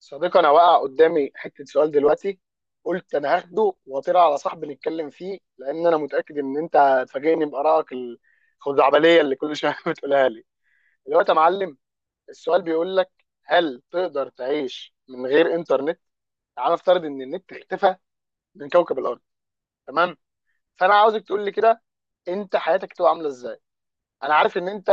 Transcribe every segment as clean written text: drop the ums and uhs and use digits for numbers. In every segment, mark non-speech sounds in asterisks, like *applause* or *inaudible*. صديقي، انا واقع قدامي حته سؤال دلوقتي. قلت انا هاخده واطير على صاحبي نتكلم فيه لان انا متاكد ان انت هتفاجئني بارائك الخزعبليه اللي كل شويه *laughs* بتقولها لي. دلوقتي يا معلم، السؤال بيقول لك: هل تقدر تعيش من غير انترنت؟ تعال نفترض ان النت اختفى من كوكب الارض، تمام؟ فانا عاوزك تقول لي كده، انت حياتك تبقى عامله ازاي. انا عارف ان انت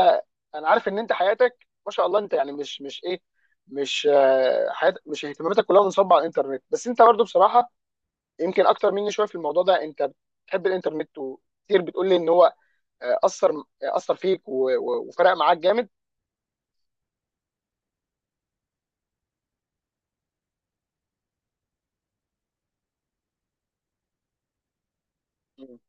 انا عارف ان انت حياتك ما شاء الله، انت يعني مش ايه، مش حيات، مش اهتماماتك كلها منصبه على الانترنت، بس انت برضو بصراحه يمكن اكتر مني شويه في الموضوع ده. انت بتحب الانترنت وكتير بتقول لي ان هو آه، اثر آه، اثر فيك و- و- وفرق معاك جامد. مم.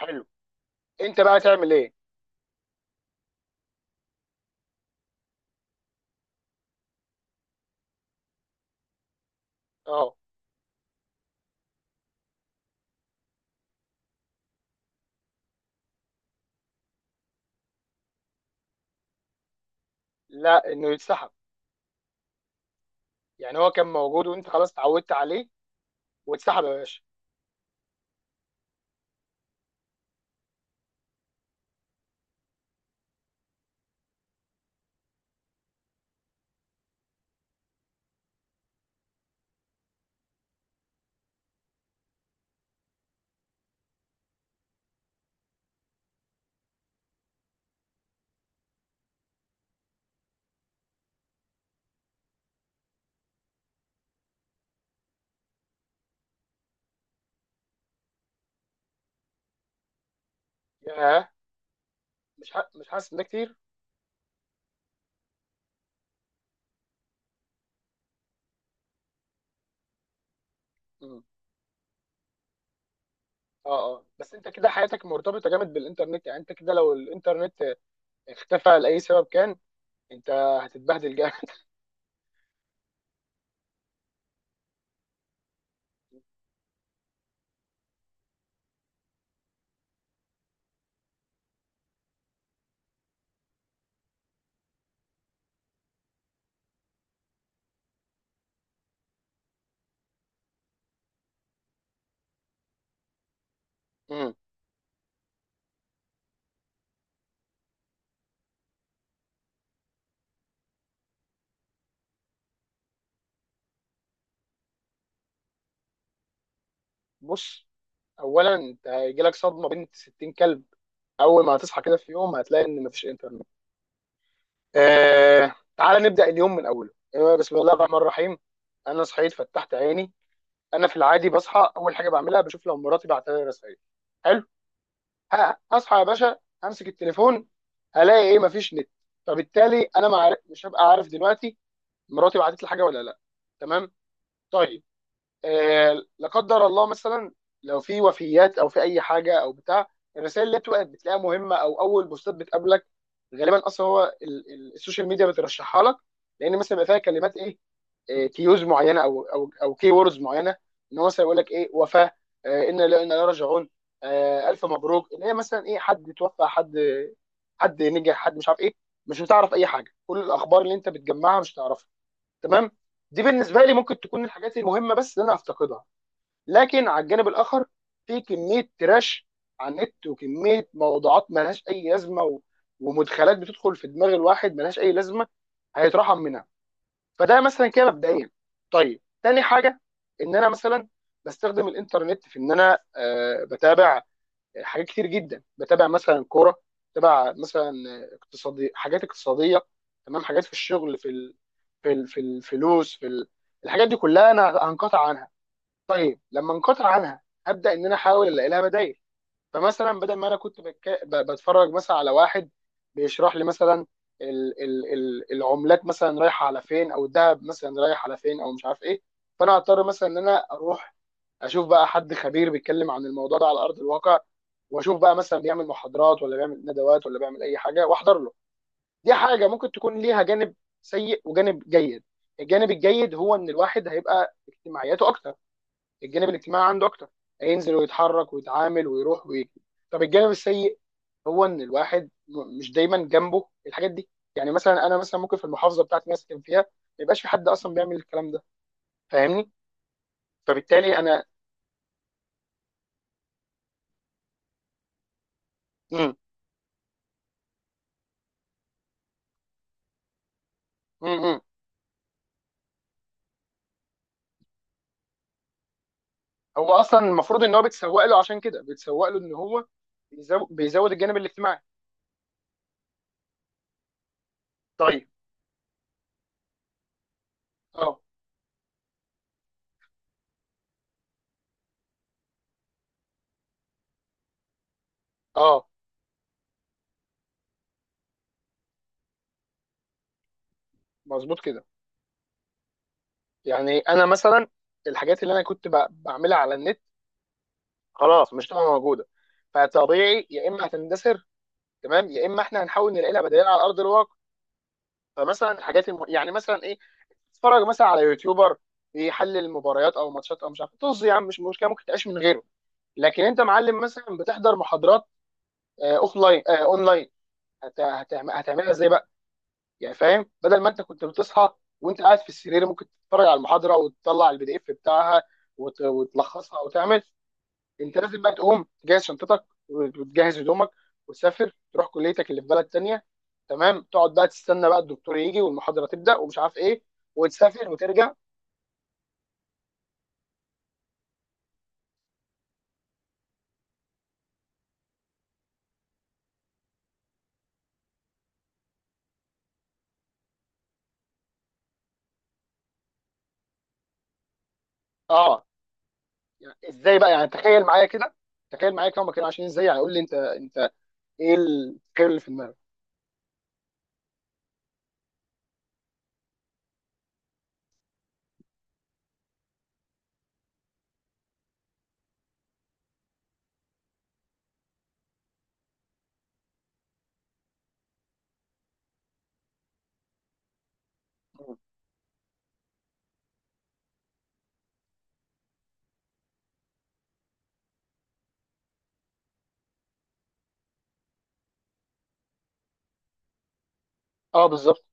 حلو، انت بقى تعمل ايه؟ اه، لا انه يتسحب، يعني هو كان موجود وانت خلاص اتعودت عليه واتسحب يا باشا. ياه، مش حاسس ان ده كتير؟ مم. اه اه، بس انت كده حياتك مرتبطه جامد بالانترنت، يعني انت كده لو الانترنت اختفى لاي سبب كان، انت هتتبهدل جامد. *laughs* امم. بص، اولا انت هيجي لك صدمه بنت 60 كلب، اول ما هتصحى كده في يوم هتلاقي ان مفيش انترنت. آه، تعال نبدا اليوم من اوله. بسم الله الرحمن الرحيم. انا صحيت فتحت عيني، انا في العادي بصحى اول حاجه بعملها بشوف لو مراتي بعت لي رسائل. حلو، ه- هصحى يا باشا امسك التليفون، هلاقي ايه؟ مفيش نت. فبالتالي انا ما عارف- مش هبقى عارف دلوقتي مراتي بعتت لي حاجه ولا لا، تمام؟ طيب، لا قدر الله مثلا لو في وفيات او في اي حاجه او بتاع، الرسائل اللي بتبقى بتلاقيها مهمه او اول بوستات بتقابلك غالبا اصلا هو السوشيال ميديا بترشحها لك، لان مثلا بيبقى فيها كلمات ايه؟ كيوز معينه او كي ووردز معينه، ان هو مثلا يقول لك ايه وفاه. انا لا، انا لا راجعون. الف مبروك، اللي هي مثلا ايه حد توفى، حد نجح، حد مش عارف ايه. مش هتعرف اي حاجه، كل الاخبار اللي انت بتجمعها مش هتعرفها، تمام؟ دي بالنسبه لي ممكن تكون الحاجات المهمه بس اللي انا افتقدها. لكن على الجانب الاخر، في كميه تراش على النت وكميه موضوعات ملهاش اي لازمه، و... ومدخلات بتدخل في دماغ الواحد ملهاش اي لازمه، هيترحم منها. فده مثلا كده مبدئيا. طيب، تاني حاجه، ان انا مثلا بستخدم الانترنت في ان انا بتابع حاجات كتير جدا، بتابع مثلا كوره، بتابع مثلا اقتصادي، حاجات اقتصاديه، تمام، حاجات في الشغل، في الفلوس، الحاجات دي كلها انا هنقطع عنها. طيب لما انقطع عنها هبدا ان انا احاول الاقي لها بدائل، فمثلا بدل ما انا بتفرج مثلا على واحد بيشرح لي مثلا العملات مثلا رايحه على فين، او الذهب مثلا رايح على فين، او مش عارف ايه. فانا هضطر مثلا ان انا اروح اشوف بقى حد خبير بيتكلم عن الموضوع ده على ارض الواقع، واشوف بقى مثلا بيعمل محاضرات ولا بيعمل ندوات ولا بيعمل اي حاجه واحضر له. دي حاجه ممكن تكون ليها جانب سيء وجانب جيد. الجانب الجيد هو ان الواحد هيبقى اجتماعياته اكتر، الجانب الاجتماعي عنده اكتر، هينزل ويتحرك ويتعامل ويروح ويجي. طب الجانب السيء هو ان الواحد مش دايما جنبه الحاجات دي، يعني مثلا انا مثلا ممكن في المحافظه بتاعتي اللي أنا ساكن فيها ما يبقاش في حد اصلا بيعمل الكلام ده، فاهمني؟ فبالتالي انا. مم. مم. هو اصلا المفروض ان هو بيتسوق له، عشان كده بيتسوق له ان هو بيزود الجانب الاجتماعي. طيب اه اه، مظبوط كده. يعني انا مثلا الحاجات اللي انا بعملها على النت خلاص مش هتبقى موجوده، فطبيعي يا اما هتندثر، تمام، يا اما احنا هنحاول نلاقي لها بدائل على ارض الواقع. فمثلا يعني مثلا ايه، تتفرج مثلا على يوتيوبر بيحلل مباريات او ماتشات او مش عارف إيه. طز يا عم، مش مشكله، ممكن تعيش من غيره. لكن انت معلم مثلا بتحضر محاضرات اوف لاين، اون هتعملها ازاي بقى؟ يعني فاهم، بدل ما انت كنت بتصحى وانت قاعد في السرير ممكن تتفرج على المحاضره وتطلع البي دي اف بتاعها وتلخصها وتعمل، انت لازم بقى تقوم تجهز شنطتك وتجهز هدومك وتسافر تروح كليتك اللي في بلد تانية، تمام، تقعد بقى تستنى بقى الدكتور يجي والمحاضره تبدا ومش عارف ايه، وتسافر وترجع. اه، يعني ازاي بقى، يعني تخيل معايا كده، تخيل معايا كده هما كانوا عشان ازاي، يعني قول لي انت، ايه التخيل اللي في دماغك؟ اه، بالظبط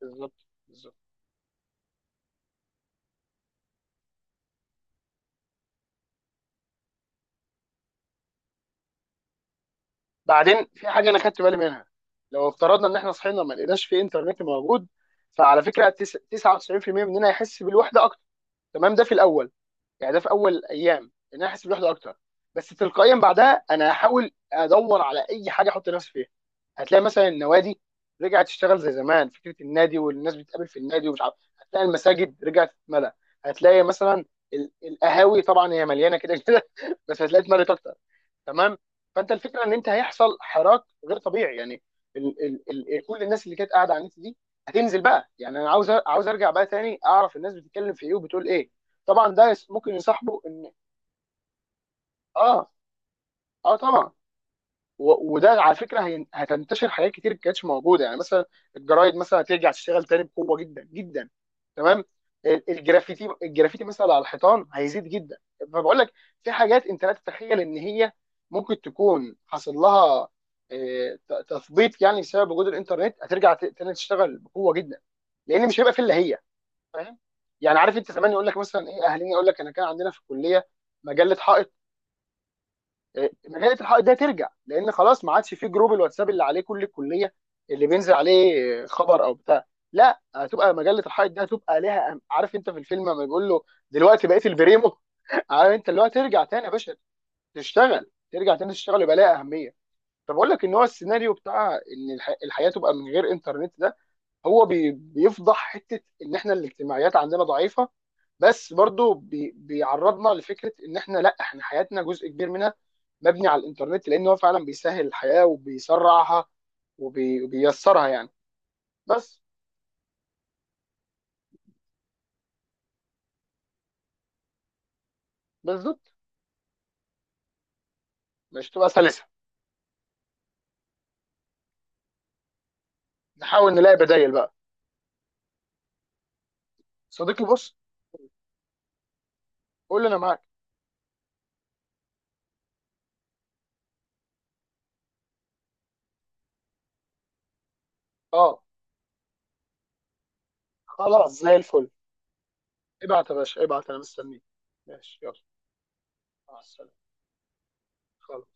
بالظبط بالظبط. بعدين في حاجه انا خدت بالي منها، لو افترضنا ان احنا صحينا ما لقيناش في انترنت موجود، فعلى فكره 99% مننا هيحس بالوحده اكتر، تمام، ده في الاول، يعني ده في اول ايام ان انا احس بالوحده اكتر. بس تلقائيا بعدها انا هحاول ادور على اي حاجه احط نفسي فيها، هتلاقي مثلا النوادي رجعت تشتغل زي زمان، فكره النادي والناس بتقابل في النادي ومش عارف، هتلاقي المساجد رجعت تتملى، هتلاقي مثلا القهاوي طبعا هي مليانه كده كده *laughs* بس هتلاقي اتملت اكتر، تمام. فانت الفكره ان انت هيحصل حراك غير طبيعي، يعني ال ال ال كل الناس اللي كانت قاعده على النت دي هتنزل بقى، يعني انا عاوز ارجع بقى تاني اعرف الناس بتتكلم في ايه وبتقول ايه. طبعا ده ممكن يصاحبه ان اه اه طبعا، وده على فكره هتنتشر حاجات كتير ما كانتش موجوده، يعني مثلا الجرايد مثلا هترجع تشتغل تاني بقوه جدا جدا، تمام. الجرافيتي، الجرافيتي مثلا على الحيطان هيزيد جدا. فبقول لك في حاجات انت لا تتخيل ان هي ممكن تكون حصل لها تثبيط يعني بسبب وجود الانترنت، هترجع تاني تشتغل بقوه جدا، لان مش هيبقى في الا هي، فاهم؟ يعني عارف انت زمان يقول لك مثلا ايه، اهلنا يقول لك انا كان عندنا في الكليه مجله حائط، مجله الحائط ده ترجع لان خلاص ما عادش في جروب الواتساب اللي عليه كل الكليه اللي بينزل عليه خبر او بتاع، لا هتبقى مجله الحائط ده هتبقى ليها عارف انت في الفيلم لما بيقول له دلوقتي بقيت البريمو. *laughs* عارف انت اللي هو ترجع تاني يا باشا تشتغل، ترجع تاني تشتغل يبقى ليها اهميه. فبقول لك ان هو السيناريو بتاع ان الحياه تبقى من غير انترنت ده، هو بيفضح حته ان احنا الاجتماعيات عندنا ضعيفه، بس برضو بيعرضنا لفكره ان احنا لا، احنا حياتنا جزء كبير منها مبني على الانترنت، لان هو فعلا بيسهل الحياه وبيسرعها وبي- وبييسرها يعني، بس. بالظبط، مش تبقى سلسه. نحاول نلاقي بدايل بقى. صديقي بص، قول لي انا معاك. اه، خلاص، زي الفل، ابعت يا باشا ابعت، انا مستنيك. ماشي، يلا، مع السلامه، خلاص.